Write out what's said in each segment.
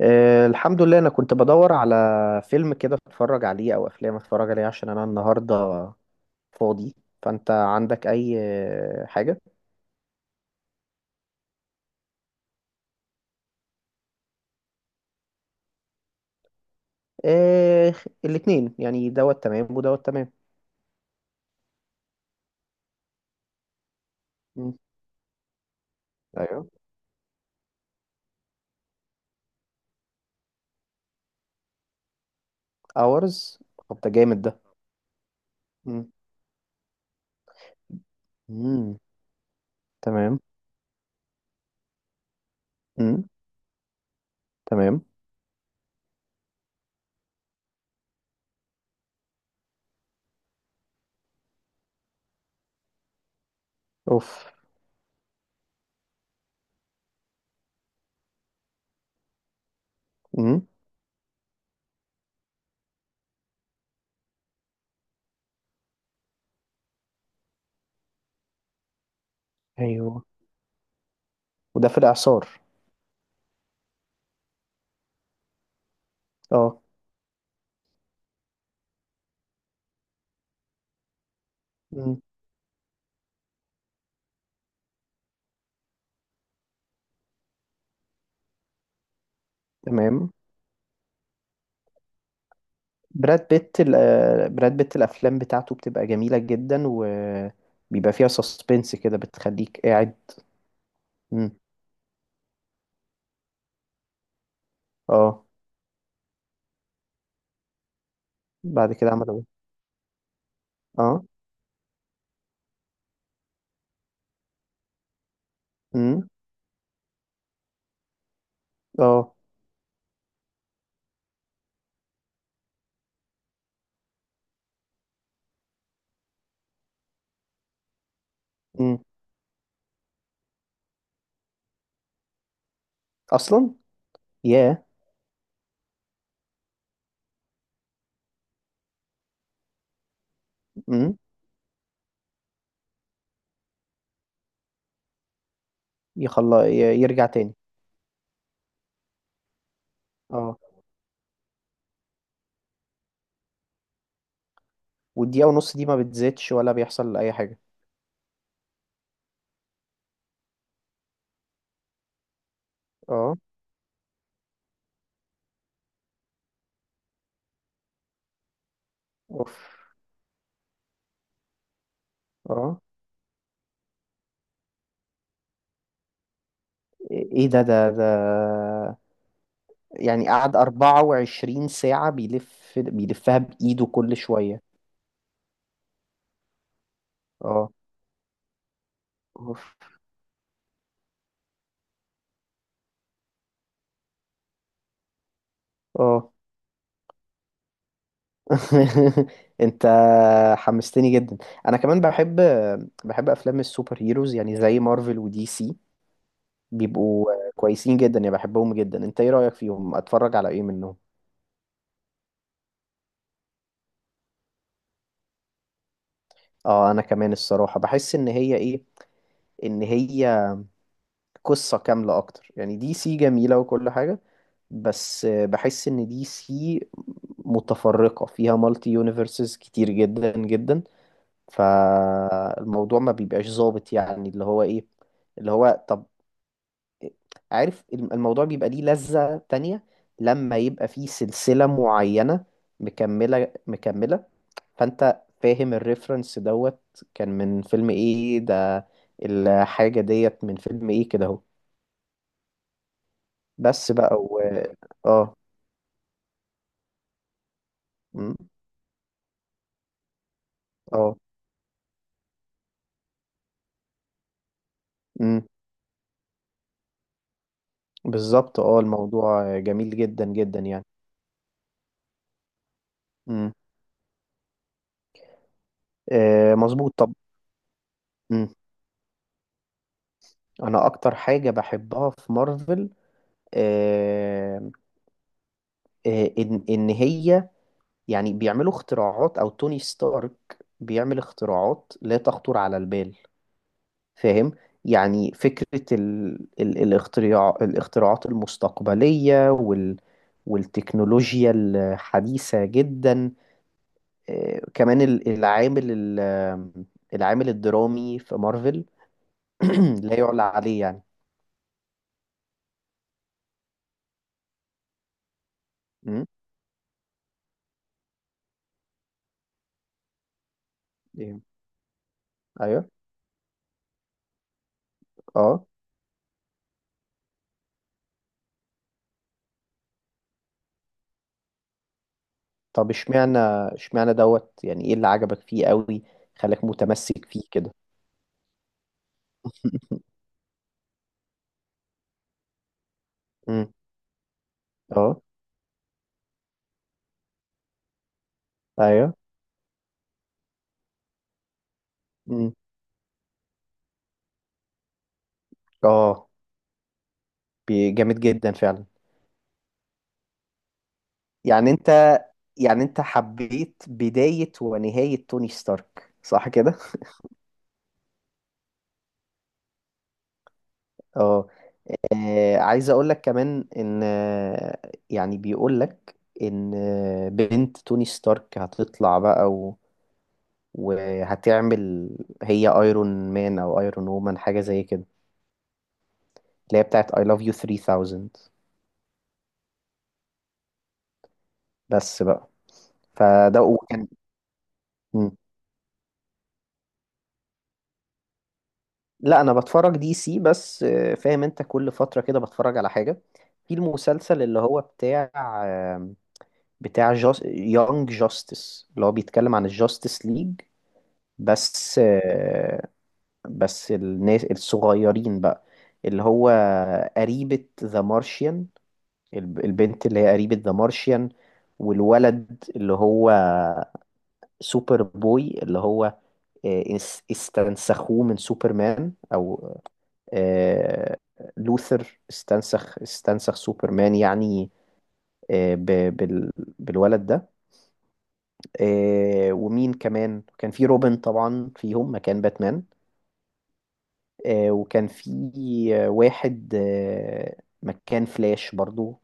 أه، الحمد لله. انا كنت بدور على فيلم كده اتفرج عليه او افلام اتفرج عليه عشان انا النهارده فاضي. فانت عندك اي حاجه؟ أه، الاتنين يعني دوت تمام ودوت تمام. مم. ايوه. اورز؟ طب ده جامد ده. مم. مم. تمام. مم. تمام. اوف. مم. ايوه. وده في الاعصار؟ اه. مم. تمام. براد بيت الافلام بتاعته بتبقى جميله جدا، وبيبقى فيها سسبنس كده بتخليك قاعد. مم. اه. بعد كده عمل ايه؟ اه. امم اه. امم اصلا. ياه. امم يخلى يرجع تاني. اه. والدقيقه ونص دي ما بتزيدش ولا بيحصل اي حاجه؟ اه. اوف. اه. ايه، إيه ده ده ده؟ يعني قعد 24 ساعه بيلفها بايده كل شويه؟ اه. اوف. اه. انت حمستني جدا. انا كمان بحب افلام السوبر هيروز يعني زي مارفل ودي سي. بيبقوا كويسين جدا يعني، بحبهم جدا. انت ايه رأيك فيهم، اتفرج على ايه منهم؟ اه، انا كمان الصراحة بحس ان هي قصة كاملة اكتر. يعني دي سي جميلة وكل حاجة، بس بحس ان دي سي متفرقة، فيها مالتي يونيفرسز كتير جدا جدا، فالموضوع ما بيبقاش ظابط. يعني اللي هو ايه اللي هو طب، عارف الموضوع بيبقى ليه لذة تانية لما يبقى فيه سلسلة معينة مكملة مكملة. فانت فاهم الريفرنس دوت كان من فيلم ايه ده، الحاجة ديت من فيلم ايه كده اهو. بس بقى. و اه م- اه م- بالظبط اه، الموضوع جميل جدا جدا يعني. م. مظبوط. طب، م. انا اكتر حاجة بحبها في مارفل آه، ان هي يعني بيعملوا اختراعات، او توني ستارك بيعمل اختراعات لا تخطر على البال. فاهم؟ يعني فكرة ال... ال... الاختراع الاختراعات المستقبلية والتكنولوجيا الحديثة جدا. كمان ال- العامل ال... آه، العامل الدرامي في مارفل لا يعلى عليه يعني. م؟ إيه. ايوه. اه. طب، اشمعنى دوت، يعني ايه اللي عجبك فيه قوي خلاك متمسك فيه كده؟ م. اه. ايوه. امم اه. جامد جدا فعلا. يعني انت يعني انت حبيت بداية ونهاية توني ستارك صح كده؟ اه. عايز اقول لك كمان ان آه، يعني بيقول لك ان آه، بنت توني ستارك هتطلع بقى وهتعمل هي ايرون مان او ايرون وومن حاجة زي كده، اللي هي بتاعت I love you 3000. بس بقى. فده وكان. لا، انا بتفرج دي سي بس فاهم؟ انت كل فتره كده بتفرج على حاجه في المسلسل اللي هو آه، بتاع جاست يونج جاستس، اللي هو بيتكلم عن الجاستس ليج. بس آه، بس الناس الصغيرين بقى، اللي هو قريبة ذا مارشيان البنت اللي هي قريبة ذا مارشيان، والولد اللي هو سوبر بوي اللي هو آه، اس- استنسخوه من سوبرمان، او آه، لوثر استنسخ سوبرمان يعني، آه، ب- بال- بالولد ده. ومين كمان كان في، روبن طبعا فيهم مكان باتمان، وكان في واحد مكان فلاش برضو.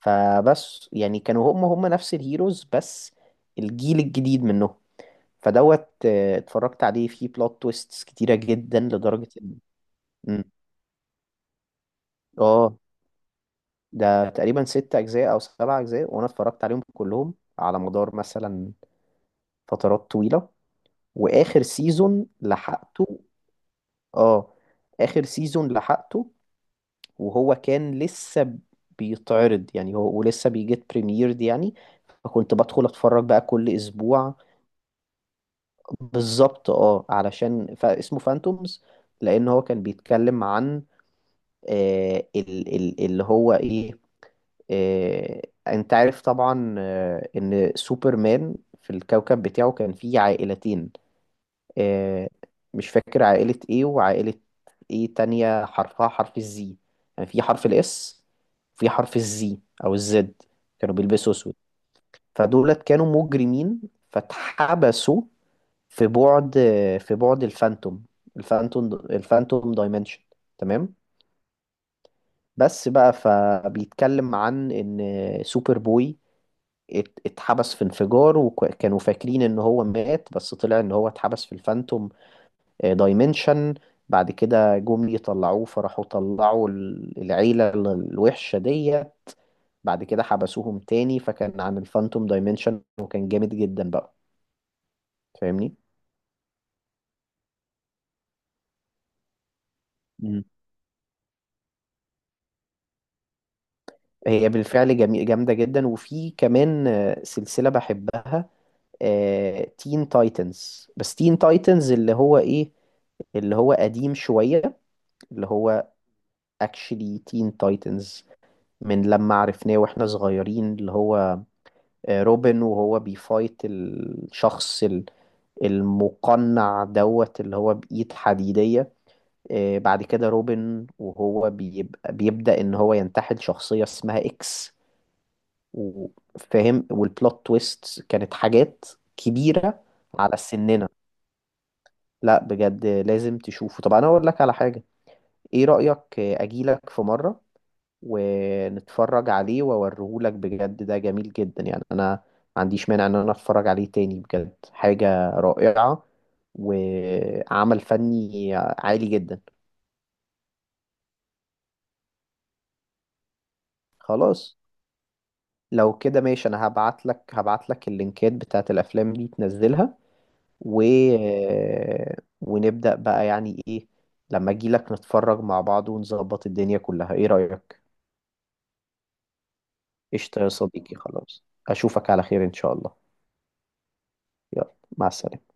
فبس يعني كانوا هم نفس الهيروز بس الجيل الجديد منهم. فدوت اتفرجت عليه، فيه بلوت تويستس كتيرة جدا لدرجة ان... مم. اه. ده تقريبا ست أجزاء أو سبع أجزاء، وأنا اتفرجت عليهم كلهم على مدار مثلا فترات طويلة. وآخر آه سيزون لحقته، وهو كان لسه بيتعرض يعني، هو ولسه بيجيت بريميرد يعني. فكنت بدخل أتفرج بقى كل أسبوع. بالظبط، علشان فاسمه فانتومز. لأن هو كان بيتكلم عن آه ال ال اللي هو إيه آه، انت عارف طبعا ان سوبرمان في الكوكب بتاعه كان فيه عائلتين. آه، مش فاكر عائلة ايه وعائلة ايه تانية، حرفها حرف الزي. يعني في حرف الاس، في حرف الزي او الزد. كانوا بيلبسوا اسود، فدولت كانوا مجرمين، فاتحبسوا في بعد في بعد الفانتوم دايمنشن. تمام. بس بقى، فبيتكلم عن ان سوبر بوي اتحبس في انفجار، وكانوا فاكرين ان هو مات، بس طلع ان هو اتحبس في الفانتوم دايمنشن. بعد كده جم يطلعوه، فراحوا طلعوا العيلة الوحشة دي. بعد كده حبسوهم تاني، فكان عن الفانتوم دايمنشن، وكان جامد جدا بقى، فاهمني؟ مم. هي بالفعل جميل جامدة جدا. وفي كمان سلسلة بحبها، تين تايتنز، بس تين تايتنز اللي هو ايه، اللي هو قديم شوية، اللي هو اكشلي تين تايتنز من لما عرفناه واحنا صغيرين. اللي هو روبن وهو بيفايت الشخص المقنع دوت اللي هو بإيد حديدية. بعد كده روبن وهو بيبدأ ان هو ينتحل شخصية اسمها اكس، وفاهم، والبلوت تويست كانت حاجات كبيرة على سننا. لا بجد لازم تشوفه. طب انا اقول لك على حاجة، ايه رأيك اجيلك في مرة ونتفرج عليه واوريهولك؟ بجد ده جميل جدا يعني، انا ما عنديش مانع ان انا اتفرج عليه تاني، بجد حاجة رائعة وعمل فني عالي جدا. خلاص، لو كده ماشي، انا هبعت لك اللينكات بتاعت الافلام دي تنزلها، و... ونبدأ بقى، يعني ايه لما اجي لك نتفرج مع بعض ونظبط الدنيا كلها، ايه رأيك؟ قشطة يا صديقي، خلاص اشوفك على خير ان شاء الله. يلا مع السلامة.